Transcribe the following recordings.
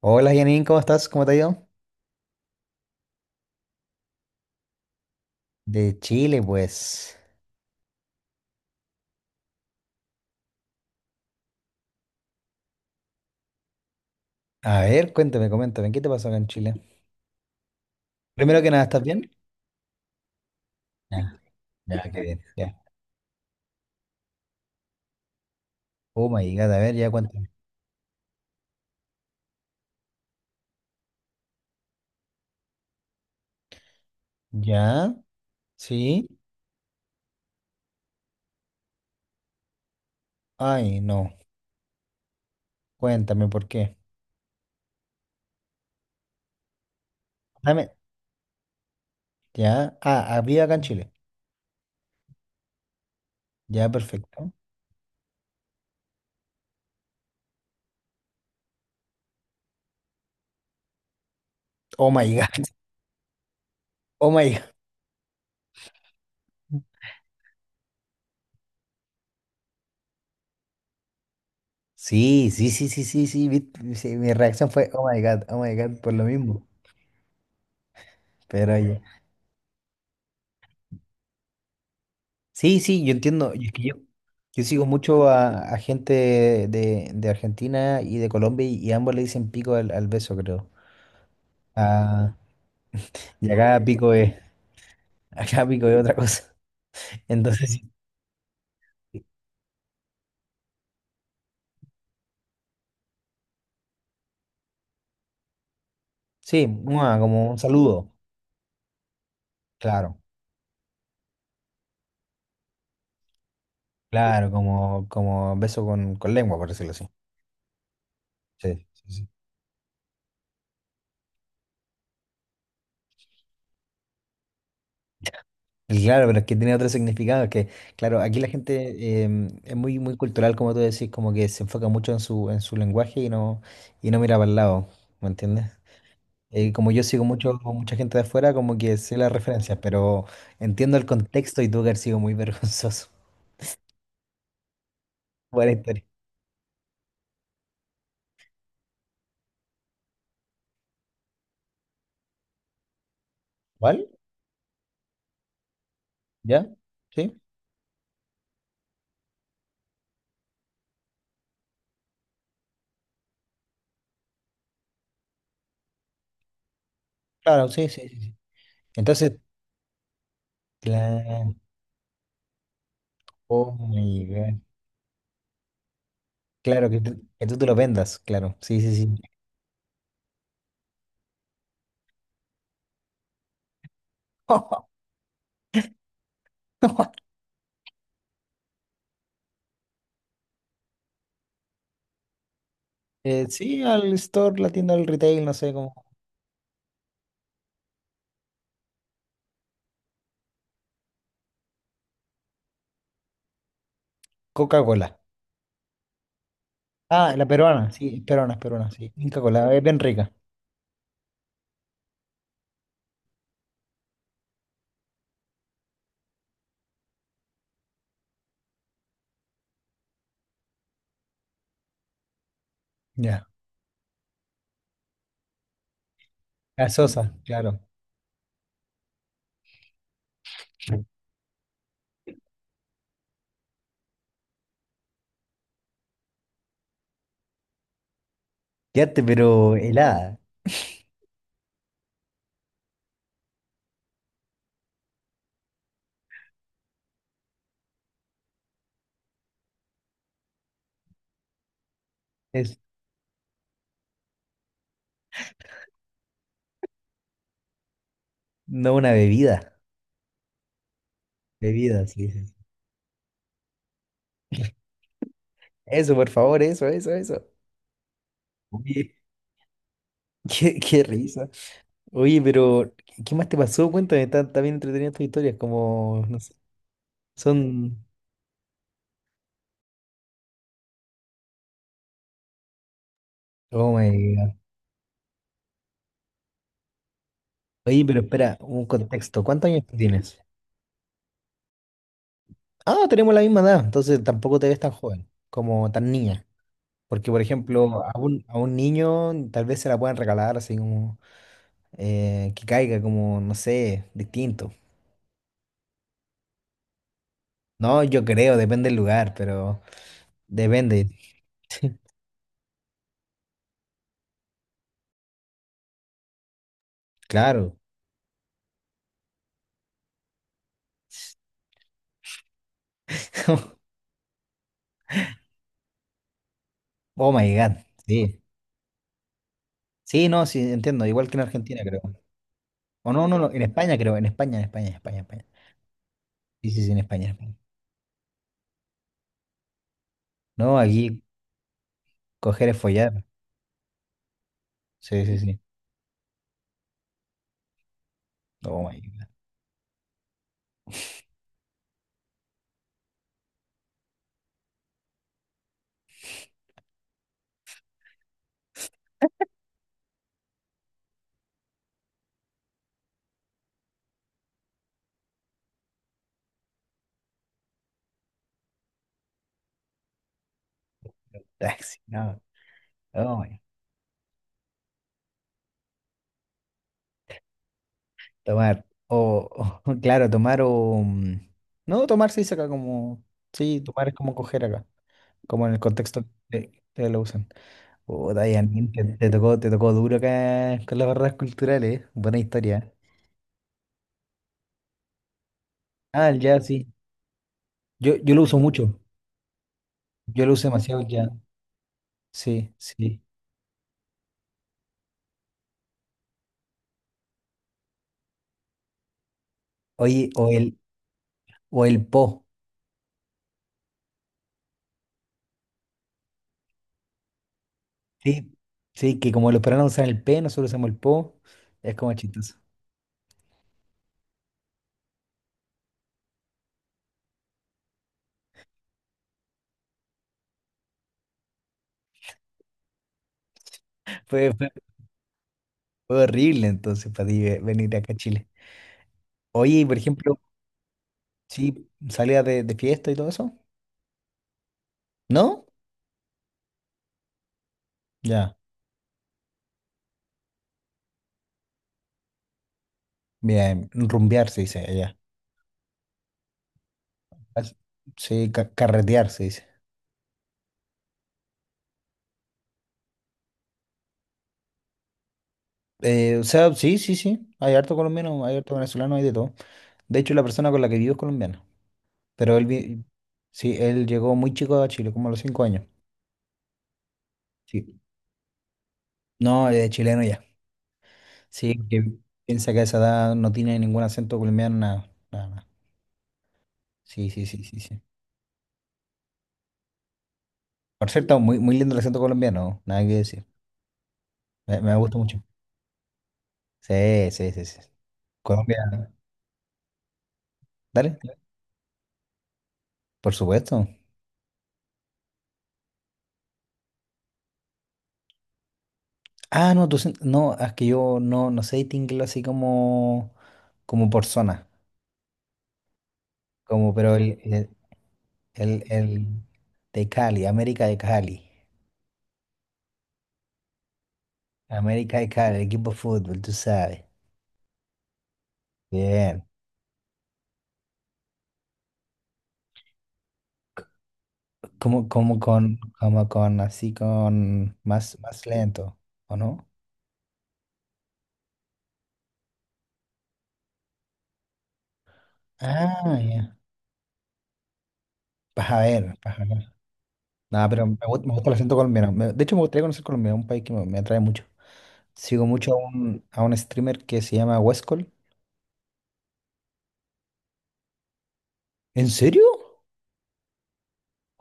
Hola Janine, ¿cómo estás? ¿Cómo te ha ido? De Chile, pues. A ver, cuéntame, coméntame, ¿qué te pasó acá en Chile? Primero que nada, ¿estás bien? Ya, ya, qué bien, ya. Oh my God, a ver, ya cuéntame. ¿Ya? ¿Sí? Ay, no. Cuéntame, ¿por qué? Dame, ya. Ah, había acá en Chile. Ya, perfecto. Oh my God, oh my God. Sí, sí, sí, sí, sí, sí, sí, mi reacción fue, oh my God, por lo mismo. Pero ya. Sí, sí, yo entiendo. Y es que yo sigo mucho a gente de Argentina y de Colombia y ambos le dicen pico al beso, creo. Ah, y acá pico es, acá pico es otra cosa. Entonces, sí, sí, mua, como un saludo. Claro, claro, como beso con lengua, por decirlo así. Sí, sí, sí. Y claro, pero es que tiene otro significado, que, claro, aquí la gente es muy, muy cultural, como tú decís, como que se enfoca mucho en su lenguaje y no mira para el lado, ¿me entiendes? Como yo sigo mucho, mucha gente de afuera, como que sé las referencias, pero entiendo el contexto y tuvo que haber sido muy vergonzoso. Buena historia. ¿Vale? ¿Ya? ¿Sí? Claro, sí, sí, sí. Sí. Entonces, claro, oh my God. Claro, que tú te lo vendas, claro. Sí, sí, sí. Sí, al store, la tienda del retail, no sé, como Coca-Cola. Ah, la peruana, sí, es peruana, sí. Coca Cola, es bien rica. Ya. Gaseosa, claro. Quédate, pero helada. No una bebida. Bebida, sí. Sí. Sí. Eso, por favor, eso, eso, eso. Oye, qué risa. Oye, pero, ¿qué más te pasó? Cuéntame, está bien entretenida tus historias, como, no sé, son. Oh my God. Oye, pero espera, un contexto. ¿Cuántos años tú tienes? Ah, tenemos la misma edad, entonces tampoco te ves tan joven, como tan niña. Porque, por ejemplo, a un niño tal vez se la puedan regalar así como que caiga como, no sé, distinto. No, yo creo, depende del lugar, pero depende. Claro. Oh my God. Sí. Sí, no, sí, entiendo. Igual que en Argentina, creo. O no, no, no, en España, creo. En España, en España, en España, en España. Sí, sí, sí, en España, en España. No, aquí coger es follar. Sí, sí, sí. Oh my God. Ah, sí, no. Oh my God. Tomar. O, claro, tomar o. No, tomar se dice acá como. Sí, tomar es como coger acá. Como en el contexto que lo usan. Oh, Dayan, te tocó, te tocó duro acá con las barreras culturales. ¿Eh? Buena historia. ¿Eh? Ah, ya, sí. Yo lo uso mucho, yo lo uso demasiado ya, sí, sí. Oye, o el po, sí, sí, que como los peruanos usan el P, nosotros usamos el po, es como chistoso. Fue, fue- fue horrible entonces para ti venir acá a Chile. Oye, y por ejemplo, sí, salías de fiesta y todo eso, ¿no? Ya, bien, rumbear se dice allá. As- Sí, carretear se dice. O sea, sí, sí, sí, hay harto colombiano, hay harto venezolano, hay de todo. De hecho, la persona con la que vivo es colombiana. Pero él, sí, él llegó muy chico a Chile, como a los 5 años. Sí. No, es chileno ya. Sí, que piensa que a esa edad no tiene ningún acento colombiano, nada, nada, nada. Sí, sí, sí, sí, sí. Por cierto, muy, muy lindo el acento colombiano, nada que decir. Me gusta mucho. Sí, sí, sí, sí. Colombia, dale, dale. Por supuesto. Ah, no, tú, no, es que yo no, no sé distinguirlo así como, por zona, como, pero el de Cali. América y claro, el equipo de fútbol, tú sabes. Bien. C- como con, así con más, más lento, ¿o no? Ah, ya. Vas a ver, vas a ver. Nada, pero me gusta el acento colombiano. De hecho, me gustaría conocer Colombia, un país que me atrae mucho. Sigo mucho a un streamer que se llama Westcol. ¿En serio?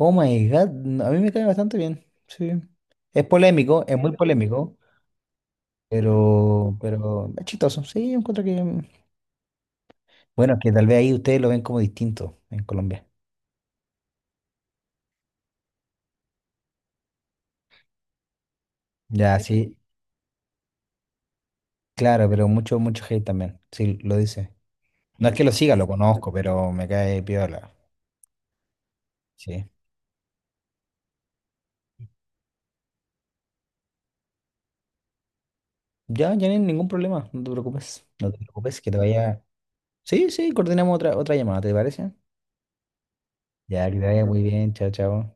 Oh my God, no, a mí me cae bastante bien. Sí. Es polémico, es muy polémico, pero es chistoso. Sí, yo encuentro que. Bueno, que tal vez ahí ustedes lo ven como distinto en Colombia. Ya, sí, claro, pero mucho, mucho hate también. Sí, lo dice. No es que lo siga, lo conozco, pero me cae piola. Sí. Ya, ya no hay ningún problema, no te preocupes. No te preocupes, que te vaya. Sí, sí, coordinamos otra llamada, ¿te parece? Ya, que te vaya muy bien, chao, chao.